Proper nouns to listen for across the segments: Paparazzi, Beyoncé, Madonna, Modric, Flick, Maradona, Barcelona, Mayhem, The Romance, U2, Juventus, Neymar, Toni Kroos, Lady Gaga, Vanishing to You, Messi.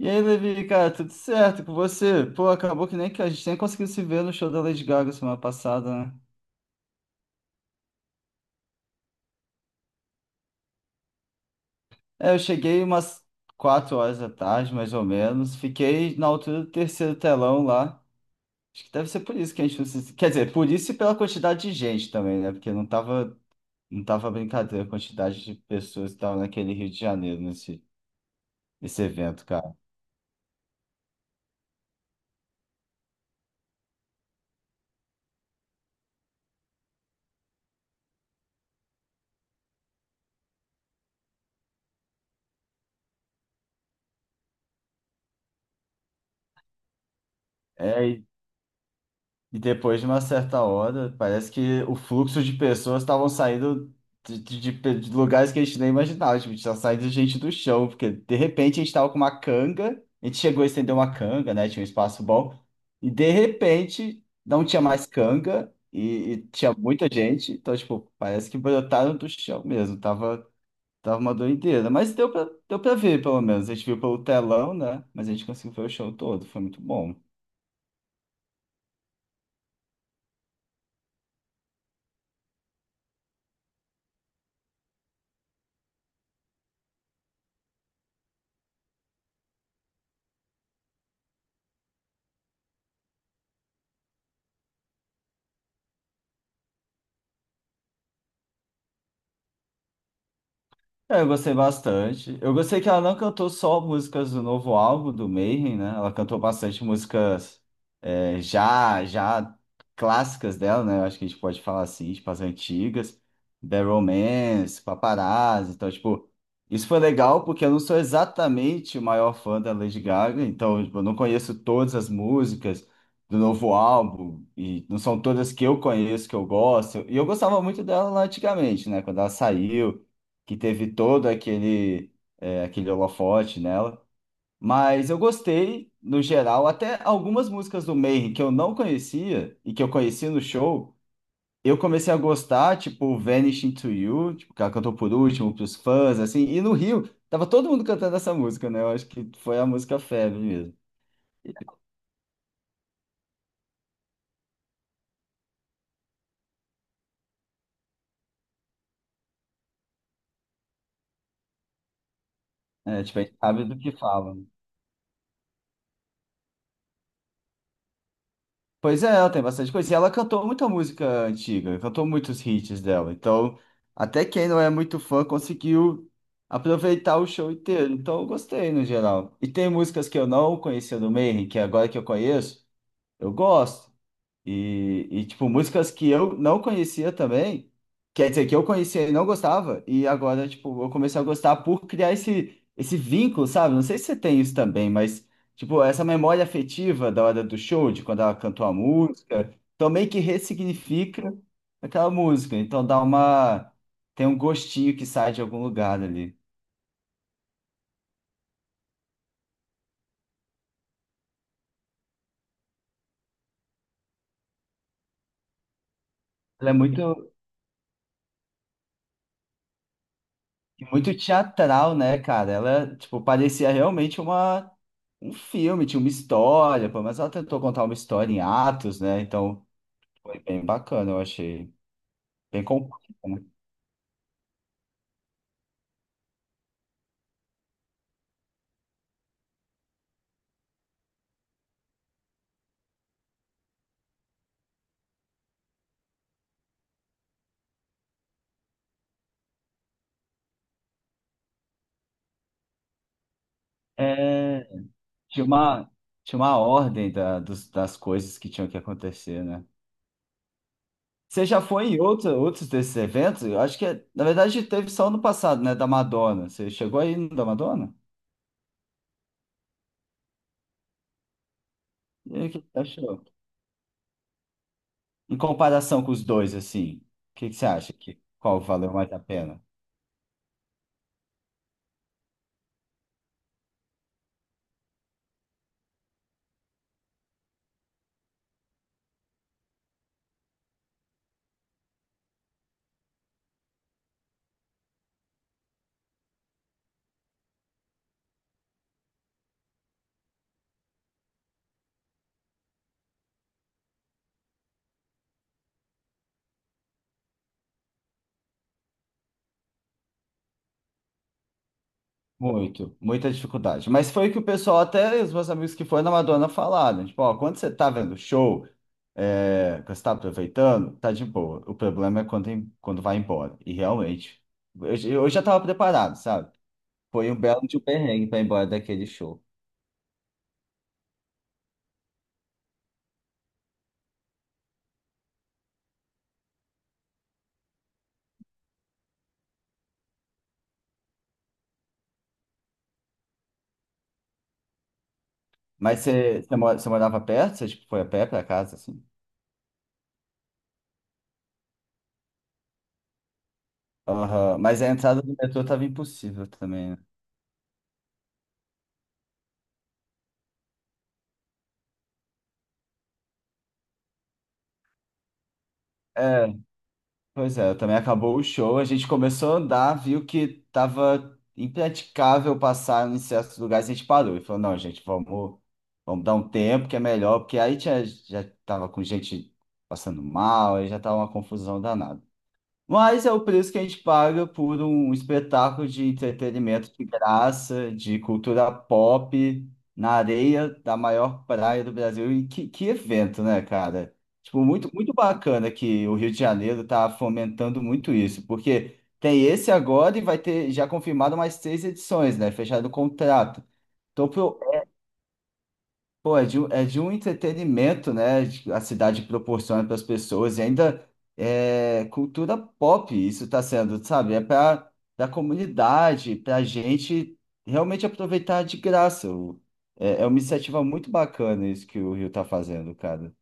E aí, Levi, cara, tudo certo com você? Pô, acabou que nem que a gente nem conseguiu se ver no show da Lady Gaga semana passada, né? É, eu cheguei umas 4 horas da tarde, mais ou menos. Fiquei na altura do terceiro telão lá. Acho que deve ser por isso que a gente não se... Quer dizer, por isso e pela quantidade de gente também, né? Porque não tava brincadeira a quantidade de pessoas que estavam naquele Rio de Janeiro nesse evento, cara. É, e depois de uma certa hora, parece que o fluxo de pessoas estavam saindo de lugares que a gente nem imaginava. Tipo, tinha saído gente do chão, porque de repente a gente estava com uma canga, a gente chegou a estender uma canga, né? Tinha um espaço bom. E de repente não tinha mais canga e tinha muita gente. Então, tipo, parece que brotaram do chão mesmo. Tava uma doideira. Mas deu pra ver, pelo menos. A gente viu pelo telão, né? Mas a gente conseguiu ver o show todo. Foi muito bom. É, eu gostei bastante. Eu gostei que ela não cantou só músicas do novo álbum do Mayhem, né? Ela cantou bastante músicas já clássicas dela, né? Eu acho que a gente pode falar assim, tipo as antigas, The Romance, Paparazzi, então, tipo, isso foi legal porque eu não sou exatamente o maior fã da Lady Gaga, então, tipo, eu não conheço todas as músicas do novo álbum, e não são todas que eu conheço, que eu gosto, e eu gostava muito dela lá antigamente, né? Quando ela saiu, que teve todo aquele holofote nela. Mas eu gostei, no geral, até algumas músicas do Mayhem que eu não conhecia e que eu conheci no show, eu comecei a gostar, tipo Vanishing to You, tipo, que ela cantou por último, pros fãs, assim, e no Rio, tava todo mundo cantando essa música, né? Eu acho que foi a música febre mesmo. É, tipo, a gente sabe do que fala, né? Pois é, ela tem bastante coisa. E ela cantou muita música antiga, cantou muitos hits dela. Então, até quem não é muito fã conseguiu aproveitar o show inteiro. Então, eu gostei no geral. E tem músicas que eu não conhecia do Mayhem, que agora que eu conheço, eu gosto. E, tipo, músicas que eu não conhecia também, quer dizer, que eu conhecia e não gostava, e agora, tipo, eu comecei a gostar por criar esse vínculo, sabe? Não sei se você tem isso também, mas, tipo, essa memória afetiva da hora do show, de quando ela cantou a música, também que ressignifica aquela música. Então dá uma. Tem um gostinho que sai de algum lugar ali. Ela é muito, muito teatral, né, cara? Ela, tipo, parecia realmente uma um filme, tinha uma história, pô, mas ela tentou contar uma história em atos, né? Então foi bem bacana, eu achei. Bem completo, né? É, tinha uma, tinha uma ordem das coisas que tinham que acontecer, né? Você já foi em outros desses eventos? Eu acho que, na verdade, teve só no passado, né? Da Madonna. Você chegou aí no da Madonna? E aí, o que você achou? Em comparação com os dois, assim, o que que você acha que qual valeu mais a pena? Muita dificuldade. Mas foi o que o pessoal, até os meus amigos que foram na Madonna falaram. Tipo, ó, quando você tá vendo o show, é, que você tá aproveitando, tá de boa. O problema é quando vai embora. E realmente, eu, eu já tava preparado, sabe? Foi um belo de um perrengue pra ir embora daquele show. Mas você morava perto? Você, tipo, foi a pé pra casa, assim? Aham. Mas a entrada do metrô tava impossível também, né? Pois é, também acabou o show, a gente começou a andar, viu que tava impraticável passar em certos lugares, a gente parou e falou, não, gente, vamos, dar um tempo que é melhor, porque aí tinha, já tava com gente passando mal, aí já tava uma confusão danada. Mas é o preço que a gente paga por um espetáculo de entretenimento de graça, de cultura pop, na areia da maior praia do Brasil. E que evento, né, cara? Tipo, muito, muito bacana que o Rio de Janeiro tá fomentando muito isso, porque tem esse agora e vai ter já confirmado mais três edições, né? Fechado o contrato. Então, pô, é de um entretenimento, né? A cidade proporciona para as pessoas e ainda é cultura pop, isso está sendo, sabe? É para a comunidade, para a gente realmente aproveitar de graça. É uma iniciativa muito bacana isso que o Rio está fazendo, cara.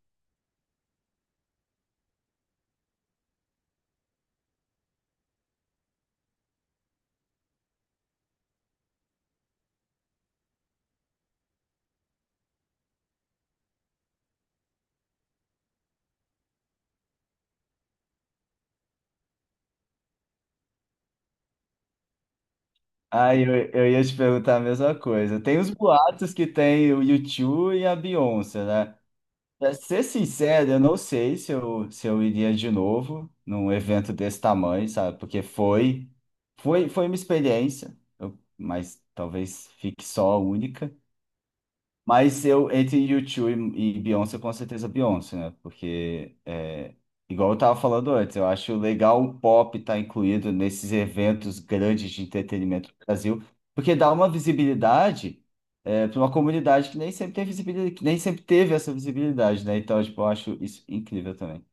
Ah, eu ia te perguntar a mesma coisa. Tem os boatos que tem o U2 e a Beyoncé, né? Pra ser sincero, eu não sei se eu iria de novo num evento desse tamanho, sabe? Porque foi uma experiência, mas talvez fique só a única. Mas eu, entre U2 e Beyoncé, com certeza Beyoncé, né? Porque, igual eu tava falando antes, eu acho legal o pop estar incluído nesses eventos grandes de entretenimento do Brasil, porque dá uma visibilidade, para uma comunidade que nem sempre tem visibilidade, que nem sempre teve essa visibilidade, né? Então, tipo, eu acho isso incrível também.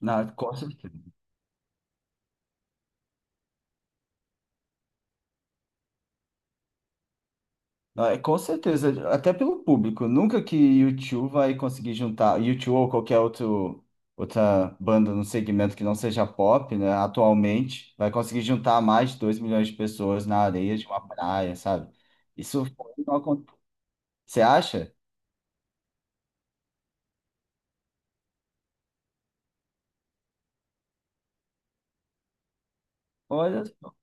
Na, Ah, é, com certeza, até pelo público. Nunca que U2 vai conseguir juntar U2 ou qualquer outra banda no segmento que não seja pop, né? Atualmente, vai conseguir juntar mais de 2 milhões de pessoas na areia de uma praia, sabe? Isso foi- não acon- Você acha? Olha só.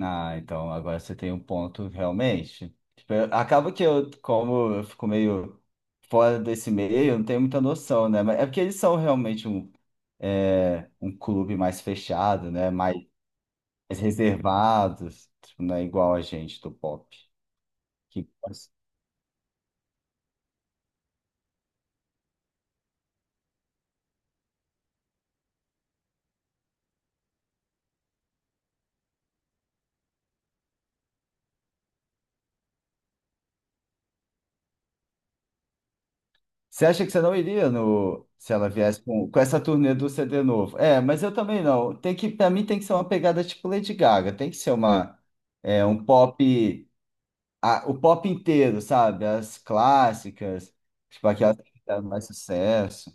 Ah, então agora você tem um ponto realmente. Tipo, acaba que eu, como eu fico meio fora desse meio, eu não tenho muita noção, né? Mas é porque eles são realmente um clube mais fechado, né? Mais reservado, tipo, não é igual a gente do pop. Que- Você acha que você não iria no, se ela viesse com essa turnê do CD novo? É, mas eu também não. Tem que, para mim tem que ser uma pegada tipo Lady Gaga, tem que ser um pop, o pop inteiro, sabe? As clássicas, tipo aquelas que fizeram mais sucesso.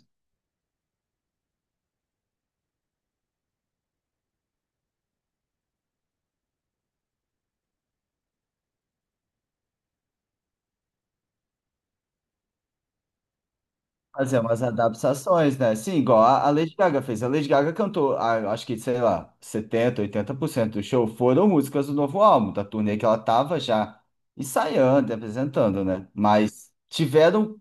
Fazer umas adaptações, né? Sim, igual a Lady Gaga fez. A Lady Gaga cantou, ah, eu acho que, sei lá, 70, 80% do show foram músicas do novo álbum, da turnê que ela tava já ensaiando, e apresentando, né? Mas tiveram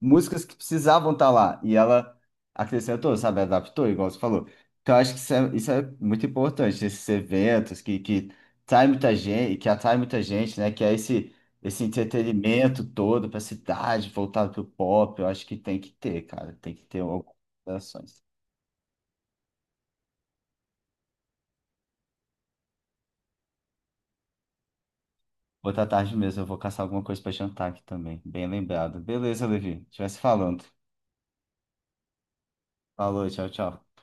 músicas que precisavam estar lá. E ela acrescentou, sabe? Adaptou, igual você falou. Então, eu acho que isso é muito importante, esses eventos que atrai muita gente, que atrai muita gente, né? Que é esse entretenimento todo para a cidade, voltado para o pop. Eu acho que tem que ter, cara. Tem que ter algumas ações. Outra tarde mesmo, eu vou caçar alguma coisa para jantar aqui também. Bem lembrado. Beleza, Levi. A gente vai se falando. Falou, tchau, tchau.